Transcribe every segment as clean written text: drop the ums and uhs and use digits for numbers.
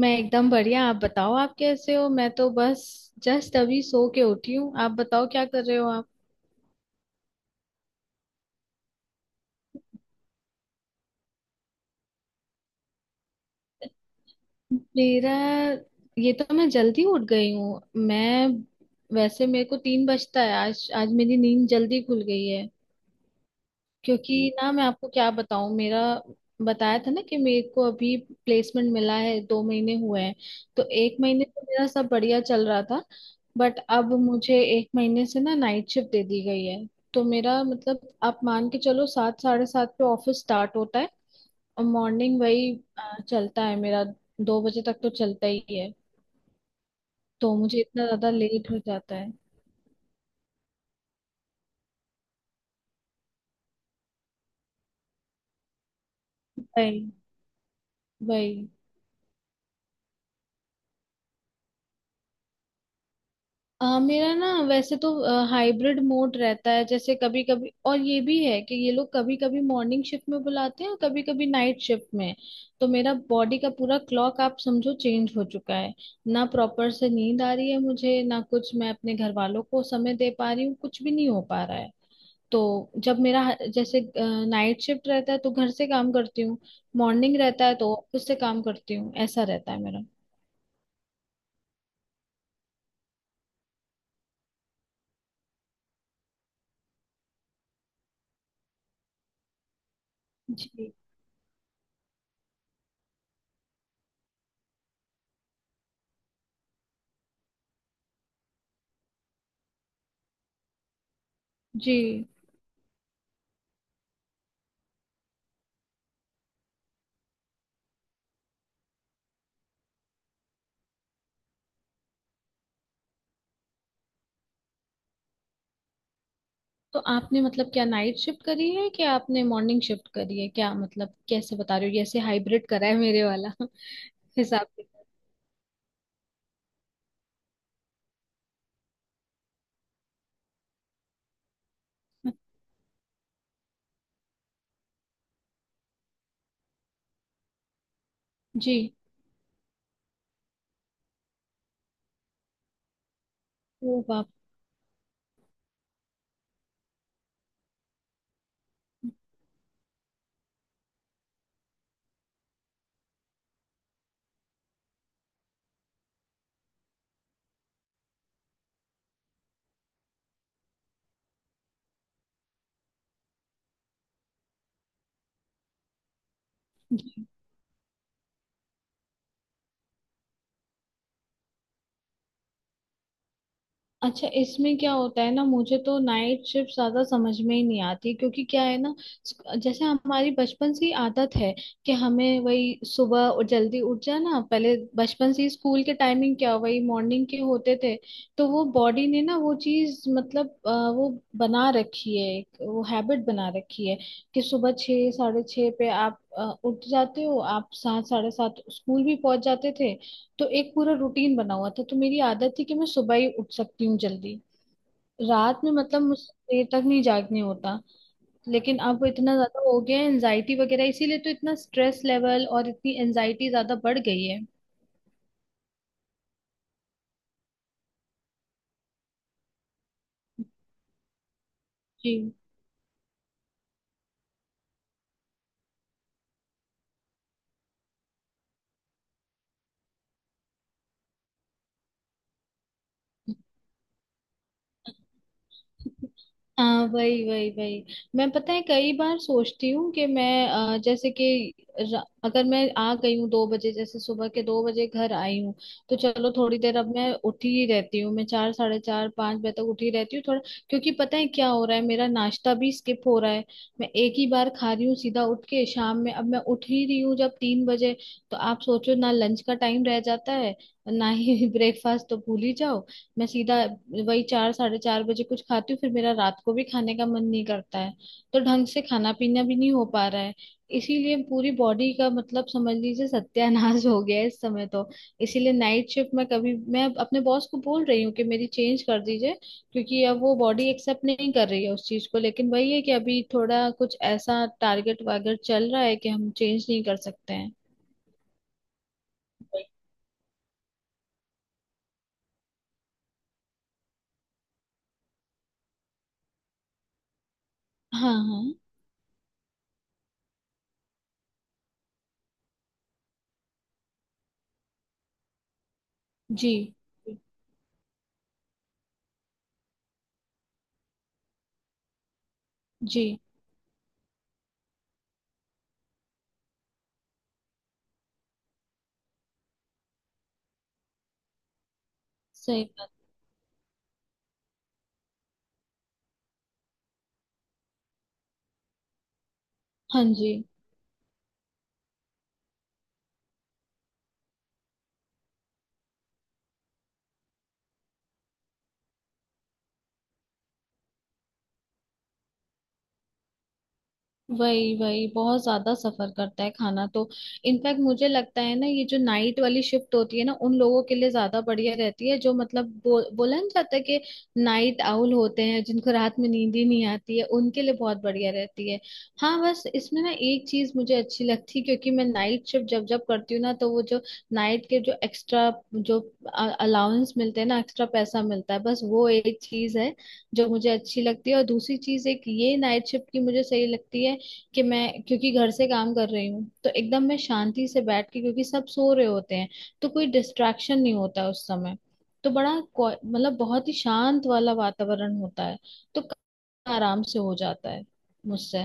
मैं एकदम बढ़िया। आप बताओ आप कैसे हो? मैं तो बस जस्ट अभी सो के उठी हूँ। आप बताओ क्या कर रहे हो आप? मेरा ये तो मैं जल्दी उठ गई हूँ। मैं वैसे मेरे को 3 बजता है। आज आज मेरी नींद जल्दी खुल गई है। क्योंकि ना मैं आपको क्या बताऊं, मेरा बताया था ना कि मेरे को अभी प्लेसमेंट मिला है, 2 महीने हुए हैं। तो एक महीने तो मेरा सब बढ़िया चल रहा था। बट अब मुझे एक महीने से ना नाइट शिफ्ट दे दी गई है। तो मेरा मतलब आप मान के चलो सात साढ़े सात पे ऑफिस स्टार्ट होता है। और मॉर्निंग वही चलता है मेरा। 2 बजे तक तो चलता ही है। तो मुझे इतना ज्यादा लेट हो जाता है। वही वही। मेरा ना वैसे तो हाइब्रिड मोड रहता है, जैसे कभी कभी। और ये भी है कि ये लोग कभी कभी मॉर्निंग शिफ्ट में बुलाते हैं और कभी कभी नाइट शिफ्ट में। तो मेरा बॉडी का पूरा क्लॉक आप समझो चेंज हो चुका है। ना प्रॉपर से नींद आ रही है मुझे, ना कुछ मैं अपने घर वालों को समय दे पा रही हूँ, कुछ भी नहीं हो पा रहा है। तो जब मेरा जैसे नाइट शिफ्ट रहता है तो घर से काम करती हूँ। मॉर्निंग रहता है तो ऑफिस से काम करती हूँ, ऐसा रहता है मेरा। जी जी। तो आपने मतलब क्या नाइट शिफ्ट करी है कि आपने मॉर्निंग शिफ्ट करी है? क्या मतलब कैसे बता रहे हो? जैसे हाइब्रिड करा है मेरे वाला हिसाब के साथ। जी। ओ। बाप। अच्छा इसमें क्या होता है ना, मुझे तो नाइट शिफ्ट ज्यादा समझ में ही नहीं आती क्योंकि क्या है ना, जैसे हमारी बचपन से ही आदत है कि हमें वही सुबह और जल्दी उठ जाना। पहले बचपन से ही स्कूल के टाइमिंग क्या वही मॉर्निंग के होते थे। तो वो बॉडी ने ना वो चीज मतलब वो बना रखी है, एक वो हैबिट बना रखी है कि सुबह छः साढ़े छः पे आप उठ जाते हो, आप सात साढ़े सात स्कूल भी पहुंच जाते थे। तो एक पूरा रूटीन बना हुआ था, तो मेरी आदत थी कि मैं सुबह ही उठ सकती हूँ जल्दी। रात में मतलब मुझसे देर तक नहीं जागने होता। लेकिन अब इतना ज्यादा हो गया है एनजाइटी वगैरह, इसीलिए तो इतना स्ट्रेस लेवल और इतनी एनजाइटी ज्यादा बढ़ गई है। जी। हाँ वही वही वही। मैं पता है कई बार सोचती हूँ कि मैं जैसे कि अगर मैं आ गई हूँ 2 बजे, जैसे सुबह के 2 बजे घर आई हूँ, तो चलो थोड़ी देर अब मैं उठी ही रहती हूँ। मैं चार साढ़े चार पाँच बजे तक उठी रहती हूँ थोड़ा। क्योंकि पता है क्या हो रहा है, मेरा नाश्ता भी स्किप हो रहा है। मैं एक ही बार खा रही हूँ सीधा उठ के शाम में। अब मैं उठ ही रही हूँ जब 3 बजे। तो आप सोचो ना लंच का टाइम रह जाता है, ना ही ब्रेकफास्ट, तो भूल ही जाओ। मैं सीधा वही चार साढ़े चार बजे कुछ खाती हूँ, फिर मेरा रात को भी खाने का मन नहीं करता है। तो ढंग से खाना पीना भी नहीं हो पा रहा है। इसीलिए पूरी बॉडी का मतलब समझ लीजिए सत्यानाश हो गया है इस समय तो। इसीलिए नाइट शिफ्ट में कभी मैं अपने बॉस को बोल रही हूँ कि मेरी चेंज कर दीजिए। क्योंकि अब वो बॉडी एक्सेप्ट नहीं कर रही है उस चीज को, लेकिन वही है कि अभी थोड़ा कुछ ऐसा टारगेट वागेट चल रहा है कि हम चेंज नहीं कर सकते हैं। हाँ हाँ। जी जी सही बात। हाँ जी। वही वही बहुत ज्यादा सफर करता है खाना तो। इनफैक्ट मुझे लगता है ना, ये जो नाइट वाली शिफ्ट होती है ना, उन लोगों के लिए ज्यादा बढ़िया रहती है जो मतलब बोला नहीं जाता है कि नाइट आउल होते हैं, जिनको रात में नींद ही नहीं आती है, उनके लिए बहुत बढ़िया रहती है। हाँ बस इसमें ना एक चीज मुझे अच्छी लगती है, क्योंकि मैं नाइट शिफ्ट जब जब करती हूँ ना, तो वो जो नाइट के जो एक्स्ट्रा जो अलाउंस मिलते हैं ना, एक्स्ट्रा पैसा मिलता है, बस वो एक चीज है जो मुझे अच्छी लगती है। और दूसरी चीज एक ये नाइट शिफ्ट की मुझे सही लगती है कि मैं क्योंकि घर से काम कर रही हूँ तो एकदम मैं शांति से बैठ के, क्योंकि सब सो रहे होते हैं, तो कोई डिस्ट्रैक्शन नहीं होता उस समय। तो बड़ा मतलब बहुत ही शांत वाला वातावरण होता है, तो काम आराम से हो जाता है मुझसे।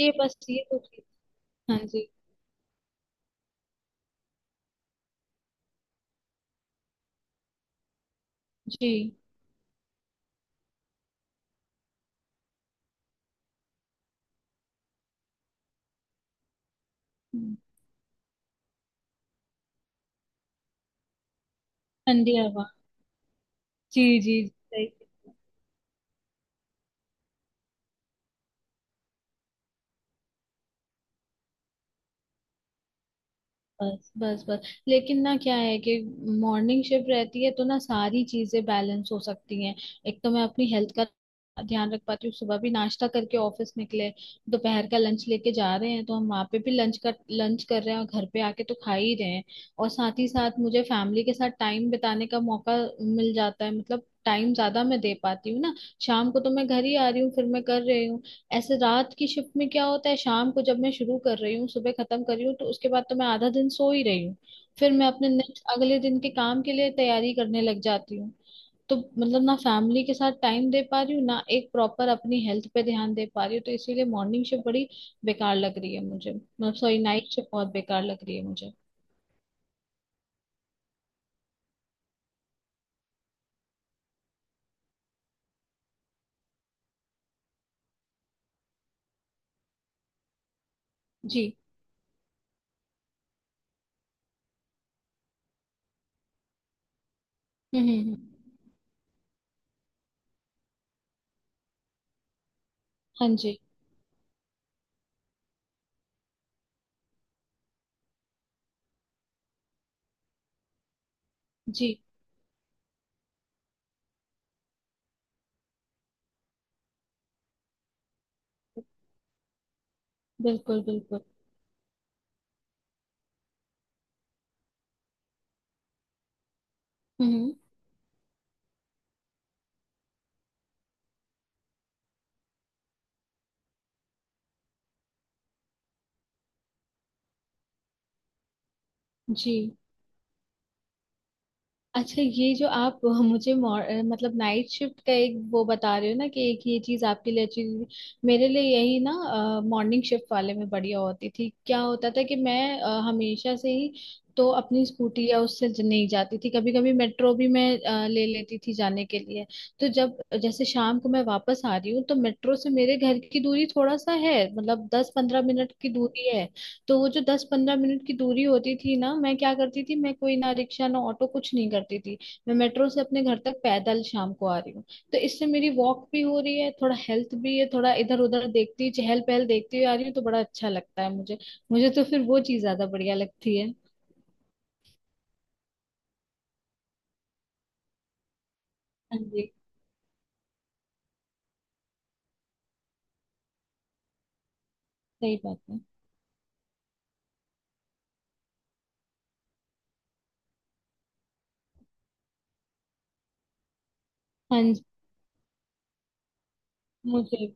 ये बस ये तो चीज़-। हाँ जी। जी। हम्म। ठंडी हवा। जी जी सही। बस बस बस, लेकिन ना क्या है कि मॉर्निंग शिफ्ट रहती है तो ना सारी चीजें बैलेंस हो सकती हैं। एक तो मैं अपनी हेल्थ का ध्यान रख पाती हूँ, सुबह भी नाश्ता करके ऑफिस निकले, दोपहर का लंच लेके जा रहे हैं तो हम वहाँ पे भी लंच कर रहे हैं, और घर पे आके तो खा ही रहे हैं। और साथ ही साथ मुझे फैमिली के साथ टाइम बिताने का मौका मिल जाता है, मतलब टाइम ज्यादा मैं दे पाती हूँ ना। शाम को तो मैं घर ही आ रही हूँ, फिर मैं कर रही हूँ। ऐसे रात की शिफ्ट में क्या होता है, शाम को जब मैं शुरू कर रही हूँ, सुबह खत्म कर रही हूँ, तो उसके बाद तो मैं आधा दिन सो ही रही हूँ। फिर मैं अपने नेक्स्ट अगले दिन के काम के लिए तैयारी करने लग जाती हूँ। तो मतलब ना फैमिली के साथ टाइम दे पा रही हूँ, ना एक प्रॉपर अपनी हेल्थ पे ध्यान दे पा रही हूँ, तो इसीलिए मॉर्निंग शिफ्ट बड़ी बेकार लग रही है मुझे, मतलब सॉरी नाइट शिफ्ट बहुत बेकार लग रही है मुझे। जी। हम्म हम्म हम्म। हाँ जी। जी बिल्कुल बिल्कुल। हम्म। जी। अच्छा ये जो आप मुझे मतलब नाइट शिफ्ट का एक वो बता रहे हो ना कि एक ये चीज आपके लिए अच्छी थी। मेरे लिए यही ना मॉर्निंग शिफ्ट वाले में बढ़िया होती थी। क्या होता था कि मैं हमेशा से ही तो अपनी स्कूटी या उससे नहीं जाती थी। कभी कभी मेट्रो भी मैं ले लेती थी जाने के लिए। तो जब जैसे शाम को मैं वापस आ रही हूँ तो मेट्रो से मेरे घर की दूरी थोड़ा सा है, मतलब 10-15 मिनट की दूरी है। तो वो जो 10-15 मिनट की दूरी होती थी ना, मैं क्या करती थी, मैं कोई ना रिक्शा ना ऑटो कुछ नहीं करती थी। मैं मेट्रो से अपने घर तक पैदल शाम को आ रही हूँ। तो इससे मेरी वॉक भी हो रही है, थोड़ा हेल्थ भी है, थोड़ा इधर उधर देखती चहल पहल देखती हुई आ रही हूँ, तो बड़ा अच्छा लगता है मुझे। मुझे तो फिर वो चीज ज्यादा बढ़िया लगती है। हाँ जी सही बात है। हाँ जी। मुझे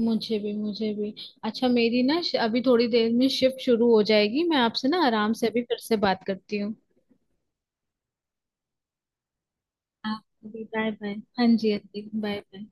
मुझे भी मुझे भी। अच्छा मेरी ना अभी थोड़ी देर में शिफ्ट शुरू हो जाएगी, मैं आपसे ना आराम से अभी फिर से बात करती हूँ। आप भी बाय बाय। हाँ जी हाँ जी बाय बाय।